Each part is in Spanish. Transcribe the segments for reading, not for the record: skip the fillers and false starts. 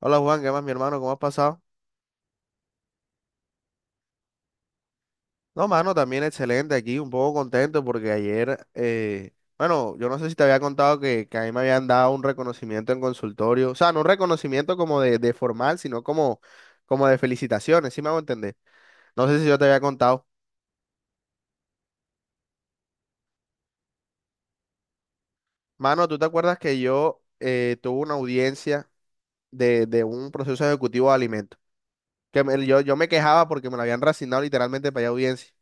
Hola Juan, ¿qué más mi hermano? ¿Cómo has pasado? No, mano, también excelente aquí, un poco contento porque ayer, bueno, yo no sé si te había contado que a mí me habían dado un reconocimiento en consultorio, o sea, no un reconocimiento como de formal, sino como, como de felicitaciones, ¿sí me hago entender? No sé si yo te había contado. Mano, ¿tú te acuerdas que yo tuve una audiencia de un proceso ejecutivo de alimentos? Yo me quejaba porque me lo habían reasignado literalmente para ir audiencia.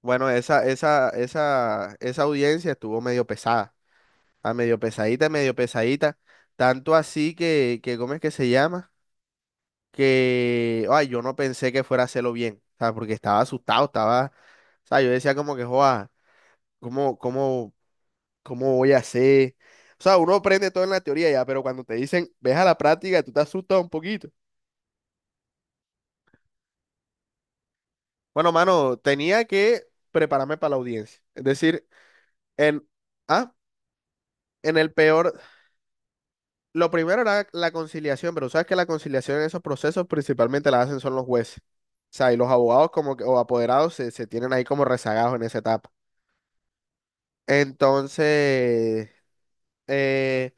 Bueno, esa audiencia estuvo medio pesada. A medio pesadita, medio pesadita. Tanto así que ¿cómo es que se llama? Que, ay, yo no pensé que fuera a hacerlo bien. O sea, porque estaba asustado, o sea, yo decía como que, joa, ¿cómo, cómo, cómo voy a hacer? O sea, uno aprende todo en la teoría ya, pero cuando te dicen, ves a la práctica, tú te asustas un poquito. Bueno, mano, tenía que prepararme para la audiencia. Es decir, en, ah, en el peor, lo primero era la conciliación, pero sabes que la conciliación en esos procesos principalmente la hacen son los jueces. O sea, y los abogados como que, o apoderados se tienen ahí como rezagados en esa etapa. Entonces, eh,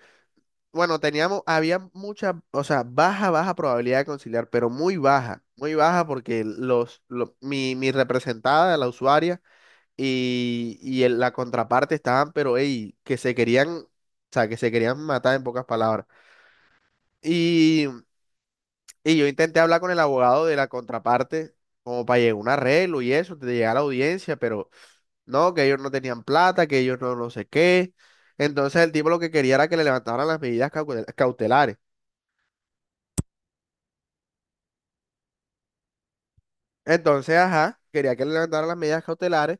bueno, había mucha, o sea, baja, baja probabilidad de conciliar, pero muy baja porque mi representada, la usuaria y la contraparte estaban, pero, ey, que se querían matar en pocas palabras. Y, y yo intenté hablar con el abogado de la contraparte como para llegar a un arreglo y eso, de llegar a la audiencia, pero... No, que ellos no tenían plata, que ellos no no sé qué. Entonces el tipo lo que quería era que le levantaran las medidas cautelares. Entonces, ajá, quería que le levantaran las medidas cautelares,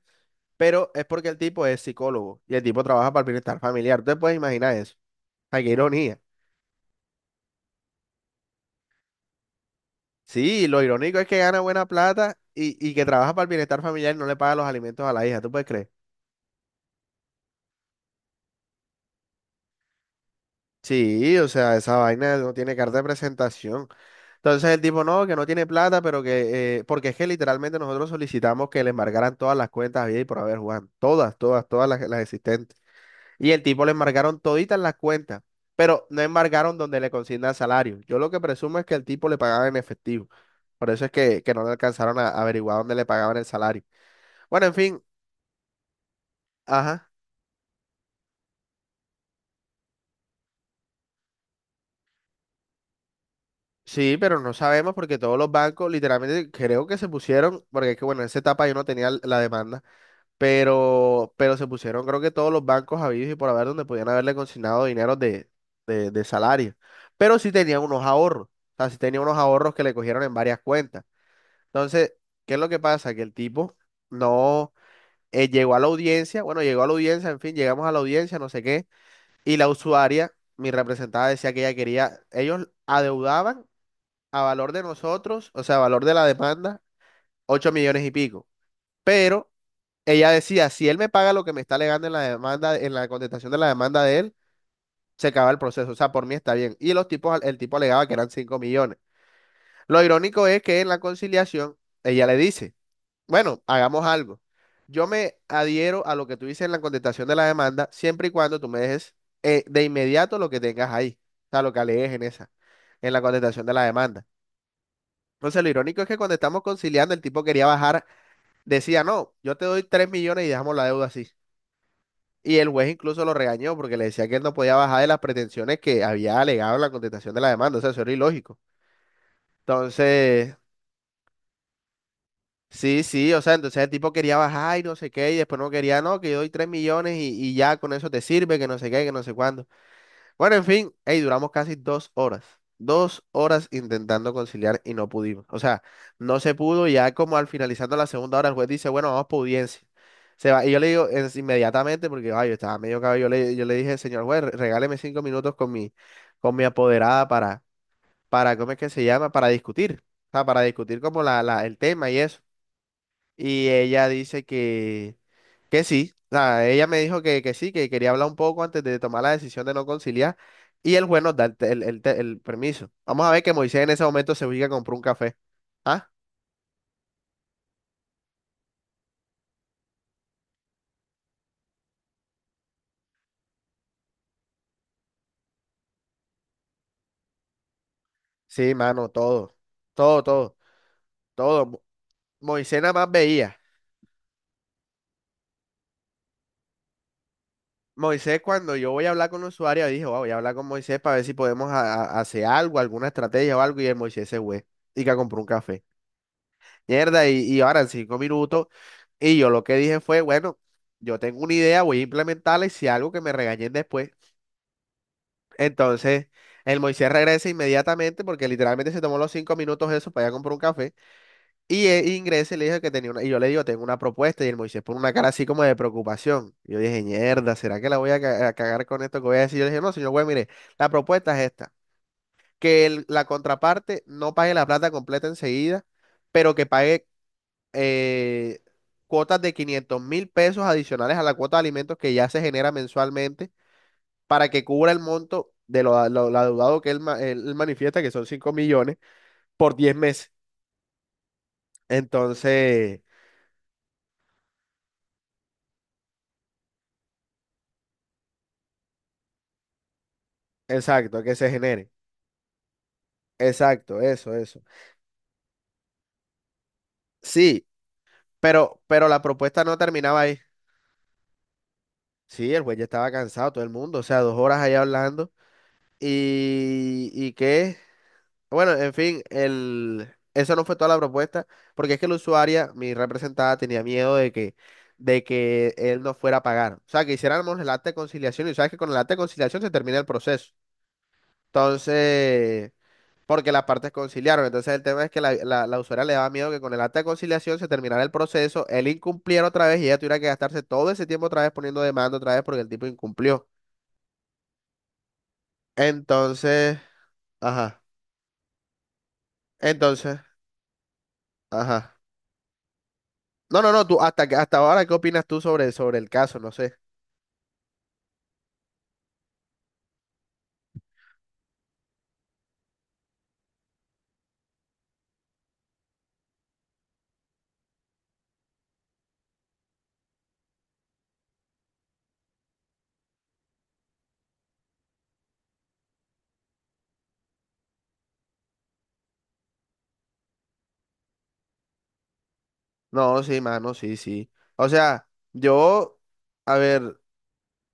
pero es porque el tipo es psicólogo y el tipo trabaja para el bienestar familiar. Ustedes pueden imaginar eso. Ay, qué ironía. Sí, lo irónico es que gana buena plata y que trabaja para el bienestar familiar y no le paga los alimentos a la hija. ¿Tú puedes creer? Sí, o sea, esa vaina no tiene carta de presentación. Entonces el tipo no, que no tiene plata, pero que, porque es que literalmente nosotros solicitamos que le embargaran todas las cuentas bien y por haber Juan, todas, todas, todas las existentes. Y el tipo le embargaron toditas las cuentas, pero no embargaron donde le consignan salario. Yo lo que presumo es que el tipo le pagaban en efectivo. Por eso es que no le alcanzaron a averiguar dónde le pagaban el salario. Bueno, en fin, ajá. Sí, pero no sabemos porque todos los bancos literalmente creo que se pusieron, porque es que bueno, en esa etapa yo no tenía la demanda, pero se pusieron creo que todos los bancos habidos y por haber donde podían haberle consignado dinero de salario, pero sí tenía unos ahorros, o sea, sí tenía unos ahorros que le cogieron en varias cuentas. Entonces, ¿qué es lo que pasa? Que el tipo no llegó a la audiencia, bueno, llegó a la audiencia, en fin, llegamos a la audiencia, no sé qué, y la usuaria, mi representada decía que ella quería, ellos adeudaban a valor de nosotros, o sea, a valor de la demanda, 8 millones y pico. Pero ella decía, si él me paga lo que me está alegando en la demanda, en la contestación de la demanda de él, se acaba el proceso. O sea, por mí está bien. Y los tipos, el tipo alegaba que eran 5 millones. Lo irónico es que en la conciliación, ella le dice, bueno, hagamos algo. Yo me adhiero a lo que tú dices en la contestación de la demanda, siempre y cuando tú me dejes de inmediato lo que tengas ahí, o sea, lo que alegues en esa, en la contestación de la demanda. Entonces, lo irónico es que cuando estamos conciliando, el tipo quería bajar, decía, no, yo te doy 3 millones y dejamos la deuda así. Y el juez incluso lo regañó porque le decía que él no podía bajar de las pretensiones que había alegado en la contestación de la demanda. O sea, eso era ilógico. Entonces, sí, sí, o sea, entonces el tipo quería bajar y no sé qué, y después no quería, no, que yo doy 3 millones y ya con eso te sirve, que no sé qué, que no sé cuándo. Bueno, en fin, hey, duramos casi 2 horas. Dos horas intentando conciliar y no pudimos. O sea, no se pudo. Ya como al finalizando la segunda hora, el juez dice, bueno, vamos por audiencia. Se va. Y yo le digo es inmediatamente, porque ay, yo estaba medio cabello. Yo le dije, señor juez, regáleme 5 minutos con mi apoderada para, ¿cómo es que se llama? Para discutir. O sea, para discutir como el tema y eso. Y ella dice que sí. O sea, ella me dijo que sí, que quería hablar un poco antes de tomar la decisión de no conciliar. Y el juez nos da el permiso. Vamos a ver que Moisés en ese momento se ubica a comprar un café. Ah, sí, mano, todo. Todo, todo, todo. Moisés nada más veía. Moisés, cuando yo voy a hablar con el usuario, dijo, "Wow, voy a hablar con Moisés para ver si podemos hacer algo, alguna estrategia o algo. Y el Moisés se fue y que compró un café. Mierda, y ahora en 5 minutos. Y yo lo que dije fue, bueno, yo tengo una idea, voy a implementarla y si algo que me regañen después. Entonces, el Moisés regresa inmediatamente porque literalmente se tomó los 5 minutos eso para ir a comprar un café. Y él ingresa y le dijo que tenía una, y yo le digo, tengo una propuesta. Y el Moisés pone una cara así como de preocupación. Y yo dije, mierda, ¿será que la voy a cagar con esto que voy a decir? Yo le dije, no, señor güey, mire, la propuesta es esta, que la contraparte no pague la plata completa enseguida, pero que pague eh, cuotas de 500.000 pesos adicionales a la cuota de alimentos que ya se genera mensualmente para que cubra el monto de lo adeudado que él, él manifiesta, que son 5 millones, por 10 meses. Entonces, exacto, que se genere. Exacto, eso, eso. Sí, pero la propuesta no terminaba ahí. Sí, el juez ya estaba cansado, todo el mundo, o sea, 2 horas allá hablando. Y qué? Bueno, en fin, el... eso no fue toda la propuesta, porque es que la usuaria, mi representada, tenía miedo de que él no fuera a pagar. O sea, que hiciéramos el acta de conciliación y sabes que con el acta de conciliación se termina el proceso. Entonces, porque las partes conciliaron. Entonces, el tema es que la usuaria le daba miedo que con el acta de conciliación se terminara el proceso, él incumpliera otra vez y ella tuviera que gastarse todo ese tiempo otra vez poniendo demanda otra vez porque el tipo incumplió. Entonces, ajá, entonces, ajá. No, no, no, tú, hasta, hasta ahora, ¿qué opinas tú sobre, sobre el caso? No sé. No, sí, mano, sí, sí. O sea, yo, a ver,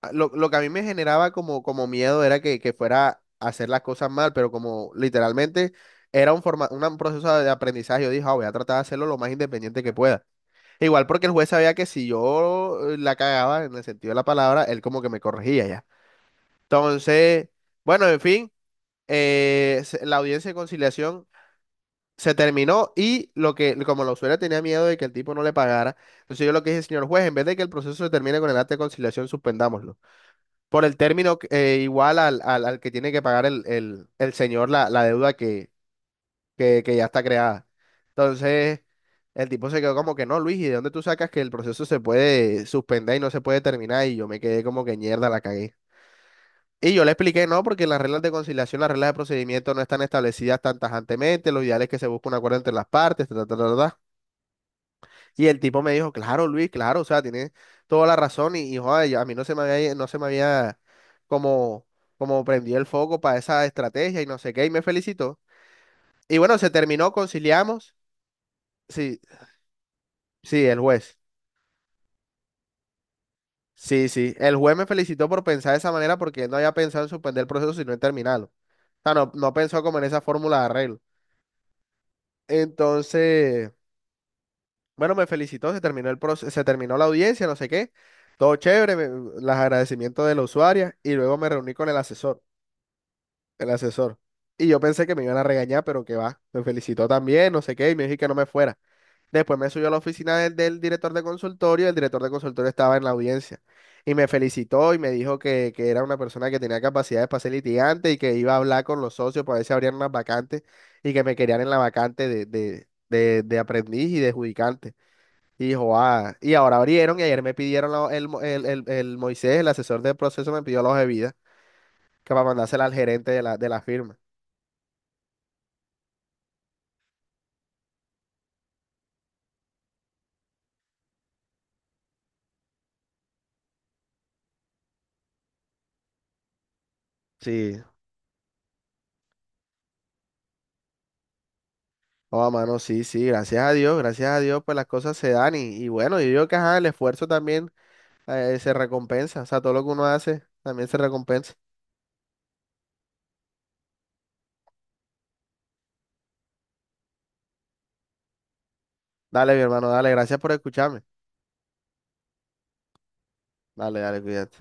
lo que a mí me generaba como, como miedo era que fuera a hacer las cosas mal, pero como literalmente era un proceso de aprendizaje, yo dije, "Ah, voy a tratar de hacerlo lo más independiente que pueda. Igual porque el juez sabía que si yo la cagaba en el sentido de la palabra, él como que me corregía ya. Entonces, bueno, en fin, la audiencia de conciliación. Se terminó y lo que, como la usuaria tenía miedo de que el tipo no le pagara, entonces yo lo que dije, señor juez, en vez de que el proceso se termine con el acta de conciliación, suspendámoslo. Por el término igual al que tiene que pagar el señor la deuda que ya está creada. Entonces, el tipo se quedó como que no, Luis, ¿y de dónde tú sacas que el proceso se puede suspender y no se puede terminar? Y yo me quedé como que mierda, la cagué. Y yo le expliqué, no, porque las reglas de conciliación, las reglas de procedimiento no están establecidas tan tajantemente, lo ideal es que se busque un acuerdo entre las partes, ta, ta, ta, ta, ta". Y el tipo me dijo, claro, Luis, claro, o sea, tiene toda la razón y joder, a mí no se me había como, como prendido el foco para esa estrategia y no sé qué, y me felicitó. Y bueno, se terminó, conciliamos. Sí, sí, el juez. Sí, sí, el juez me felicitó por pensar de esa manera porque él no había pensado en suspender el proceso, sino en terminarlo. O sea, no, no pensó como en esa fórmula de arreglo. Entonces, bueno, me felicitó, se terminó la audiencia, no sé qué, todo chévere, los agradecimientos de la usuaria y luego me reuní con el asesor. Y yo pensé que me iban a regañar, pero que va. Me felicitó también, no sé qué, y me dijo que no me fuera. Después me subió a la oficina del director de consultorio, y el director de consultorio estaba en la audiencia. Y me felicitó y me dijo que era una persona que tenía capacidades para ser litigante y que iba a hablar con los socios para ver si abrían unas vacantes y que me querían en la vacante de aprendiz y de judicante. Y dijo, ah, y ahora abrieron y ayer me pidieron el Moisés, el asesor del proceso, me pidió la hoja de vida que para mandársela al gerente de la firma. Sí, oh, mano, sí, sí, gracias a Dios, pues las cosas se dan y bueno, yo digo que ajá, el esfuerzo también se recompensa, o sea, todo lo que uno hace también se recompensa. Dale, mi hermano, dale, gracias por escucharme. Dale, dale, cuídate.